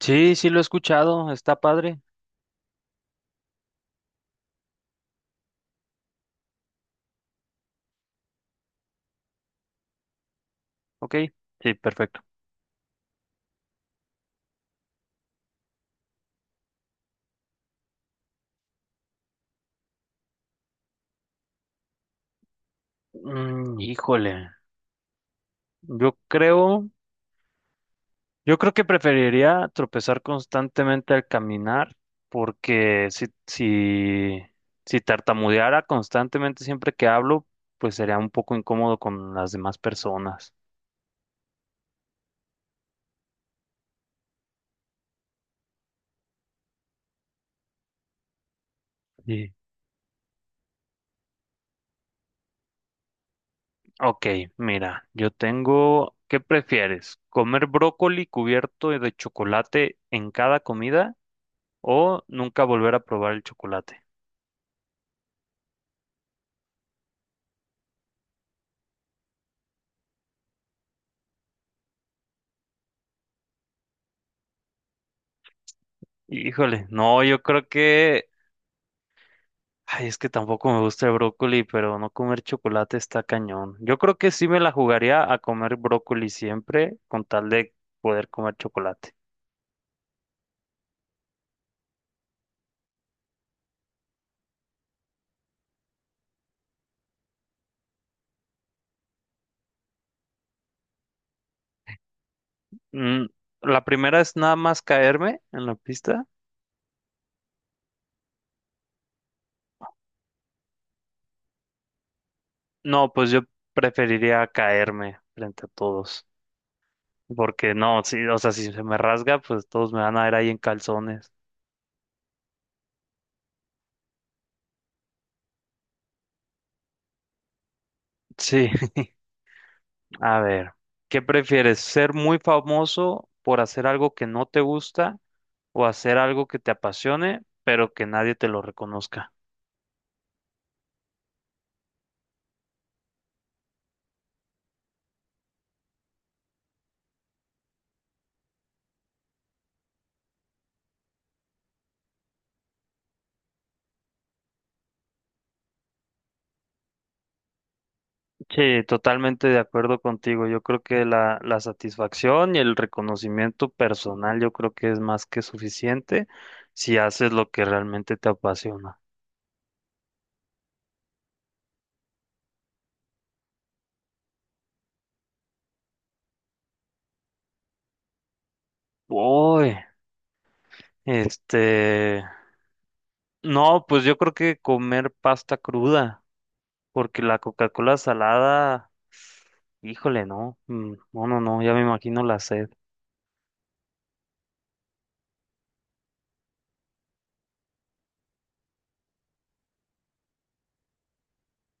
Sí, sí lo he escuchado, está padre. Ok. Sí, perfecto. Mm, híjole, yo creo, yo creo que preferiría tropezar constantemente al caminar, porque si tartamudeara constantemente siempre que hablo, pues sería un poco incómodo con las demás personas. Sí. Ok, mira, yo tengo, ¿qué prefieres? ¿Comer brócoli cubierto de chocolate en cada comida o nunca volver a probar el chocolate? Híjole, no, yo creo que, ay, es que tampoco me gusta el brócoli, pero no comer chocolate está cañón. Yo creo que sí me la jugaría a comer brócoli siempre con tal de poder comer chocolate. Mm, la primera es nada más caerme en la pista. No, pues yo preferiría caerme frente a todos, porque no, sí, o sea, si se me rasga, pues todos me van a ver ahí en calzones. Sí. A ver, ¿qué prefieres? ¿Ser muy famoso por hacer algo que no te gusta o hacer algo que te apasione, pero que nadie te lo reconozca? Sí, totalmente de acuerdo contigo. Yo creo que la satisfacción y el reconocimiento personal, yo creo que es más que suficiente si haces lo que realmente te apasiona. Uy, este, no, pues yo creo que comer pasta cruda. Porque la Coca-Cola salada, híjole, no, no, no, no, ya me imagino la sed.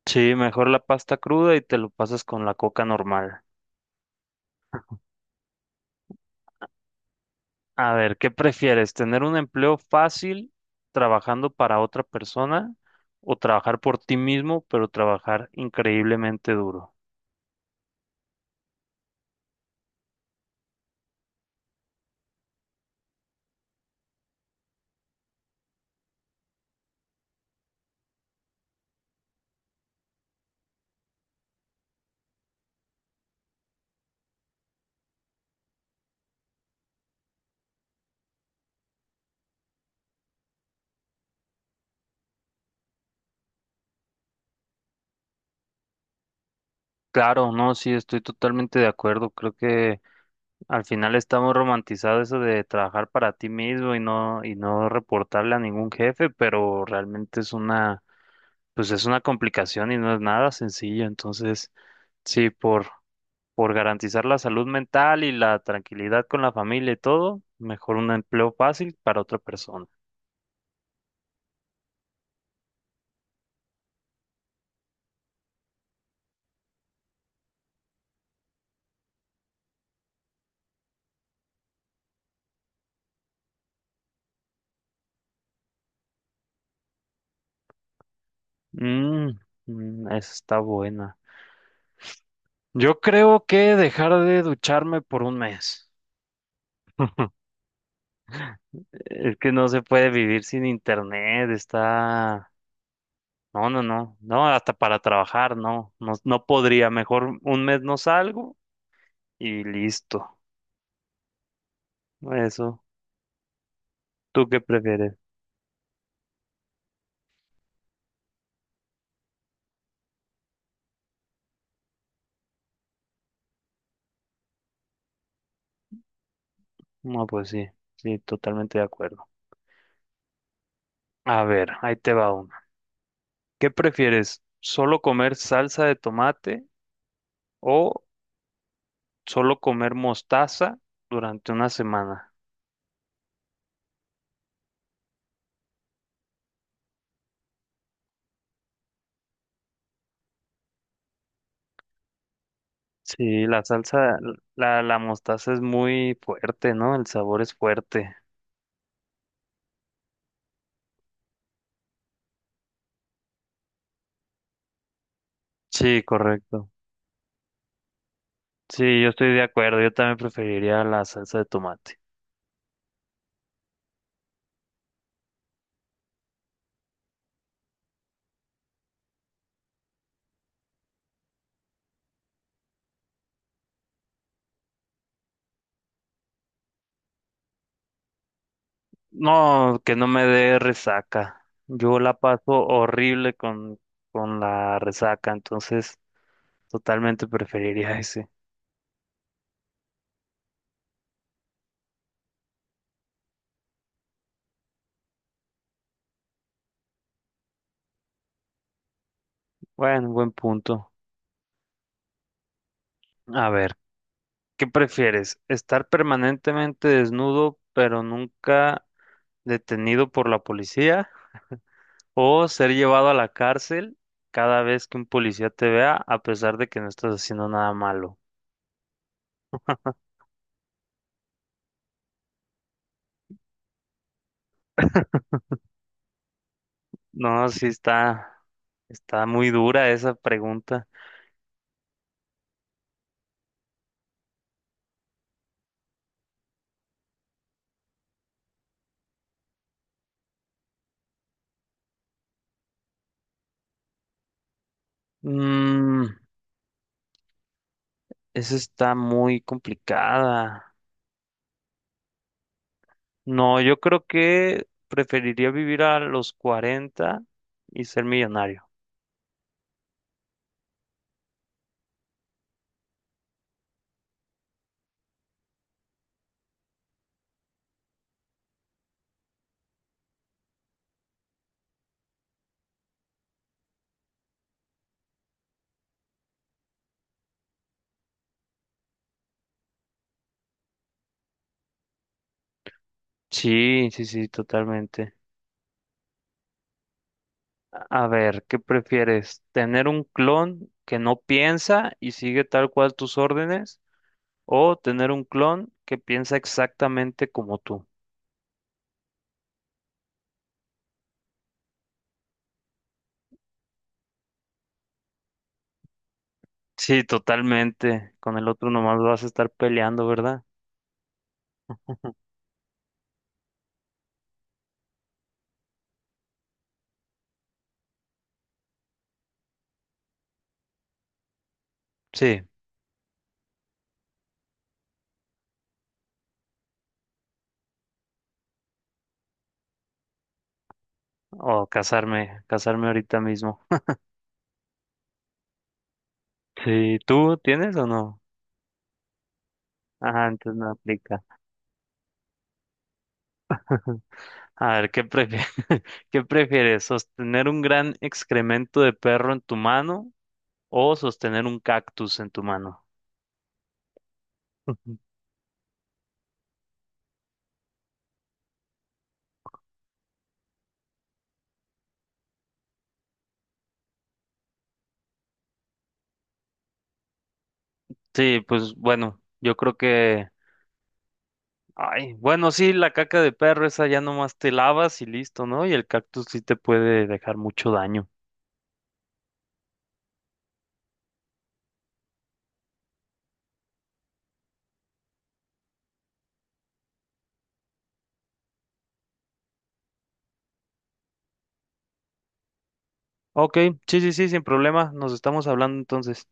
Sí, mejor la pasta cruda y te lo pasas con la coca normal. A ver, ¿qué prefieres? ¿Tener un empleo fácil trabajando para otra persona o trabajar por ti mismo, pero trabajar increíblemente duro? Claro, no, sí, estoy totalmente de acuerdo. Creo que al final está muy romantizado eso de trabajar para ti mismo y no reportarle a ningún jefe, pero realmente es una pues es una complicación y no es nada sencillo. Entonces, sí, por garantizar la salud mental y la tranquilidad con la familia y todo, mejor un empleo fácil para otra persona. Mm, mm, esa está buena. Yo creo que dejar de ducharme por un mes. Es que no se puede vivir sin internet, está... No, no, no, no, hasta para trabajar, no, no, no podría, mejor un mes no salgo y listo. Eso, ¿tú qué prefieres? No, pues sí, sí, totalmente de acuerdo. A ver, ahí te va una. ¿Qué prefieres? ¿Solo comer salsa de tomate o solo comer mostaza durante una semana? Sí, la salsa, la mostaza es muy fuerte, ¿no? El sabor es fuerte. Sí, correcto. Sí, yo estoy de acuerdo. Yo también preferiría la salsa de tomate. No, que no me dé resaca. Yo la paso horrible con la resaca, entonces... Totalmente preferiría ese. Bueno, buen punto. A ver, ¿qué prefieres? ¿Estar permanentemente desnudo pero nunca detenido por la policía? ¿O ser llevado a la cárcel cada vez que un policía te vea a pesar de que no estás haciendo nada malo? No, está muy dura esa pregunta. Mm, esa está muy complicada. No, yo creo que preferiría vivir a los 40 y ser millonario. Sí, sí, sí, totalmente. A ver, ¿qué prefieres? ¿Tener un clon que no piensa y sigue tal cual tus órdenes? ¿O tener un clon que piensa exactamente como tú? Sí, totalmente. Con el otro nomás vas a estar peleando, ¿verdad? Sí. O casarme, casarme ahorita mismo. Sí, ¿tú tienes o no? Ajá, entonces no aplica. A ver, ¿qué prefieres? ¿Qué prefieres? ¿Sostener un gran excremento de perro en tu mano o sostener un cactus en tu mano? Ujú. Sí, pues bueno, yo creo que, ay, bueno, sí, la caca de perro esa ya nomás te lavas y listo, ¿no? Y el cactus sí te puede dejar mucho daño. Ok, sí, sí, sí, sin problema, nos estamos hablando entonces.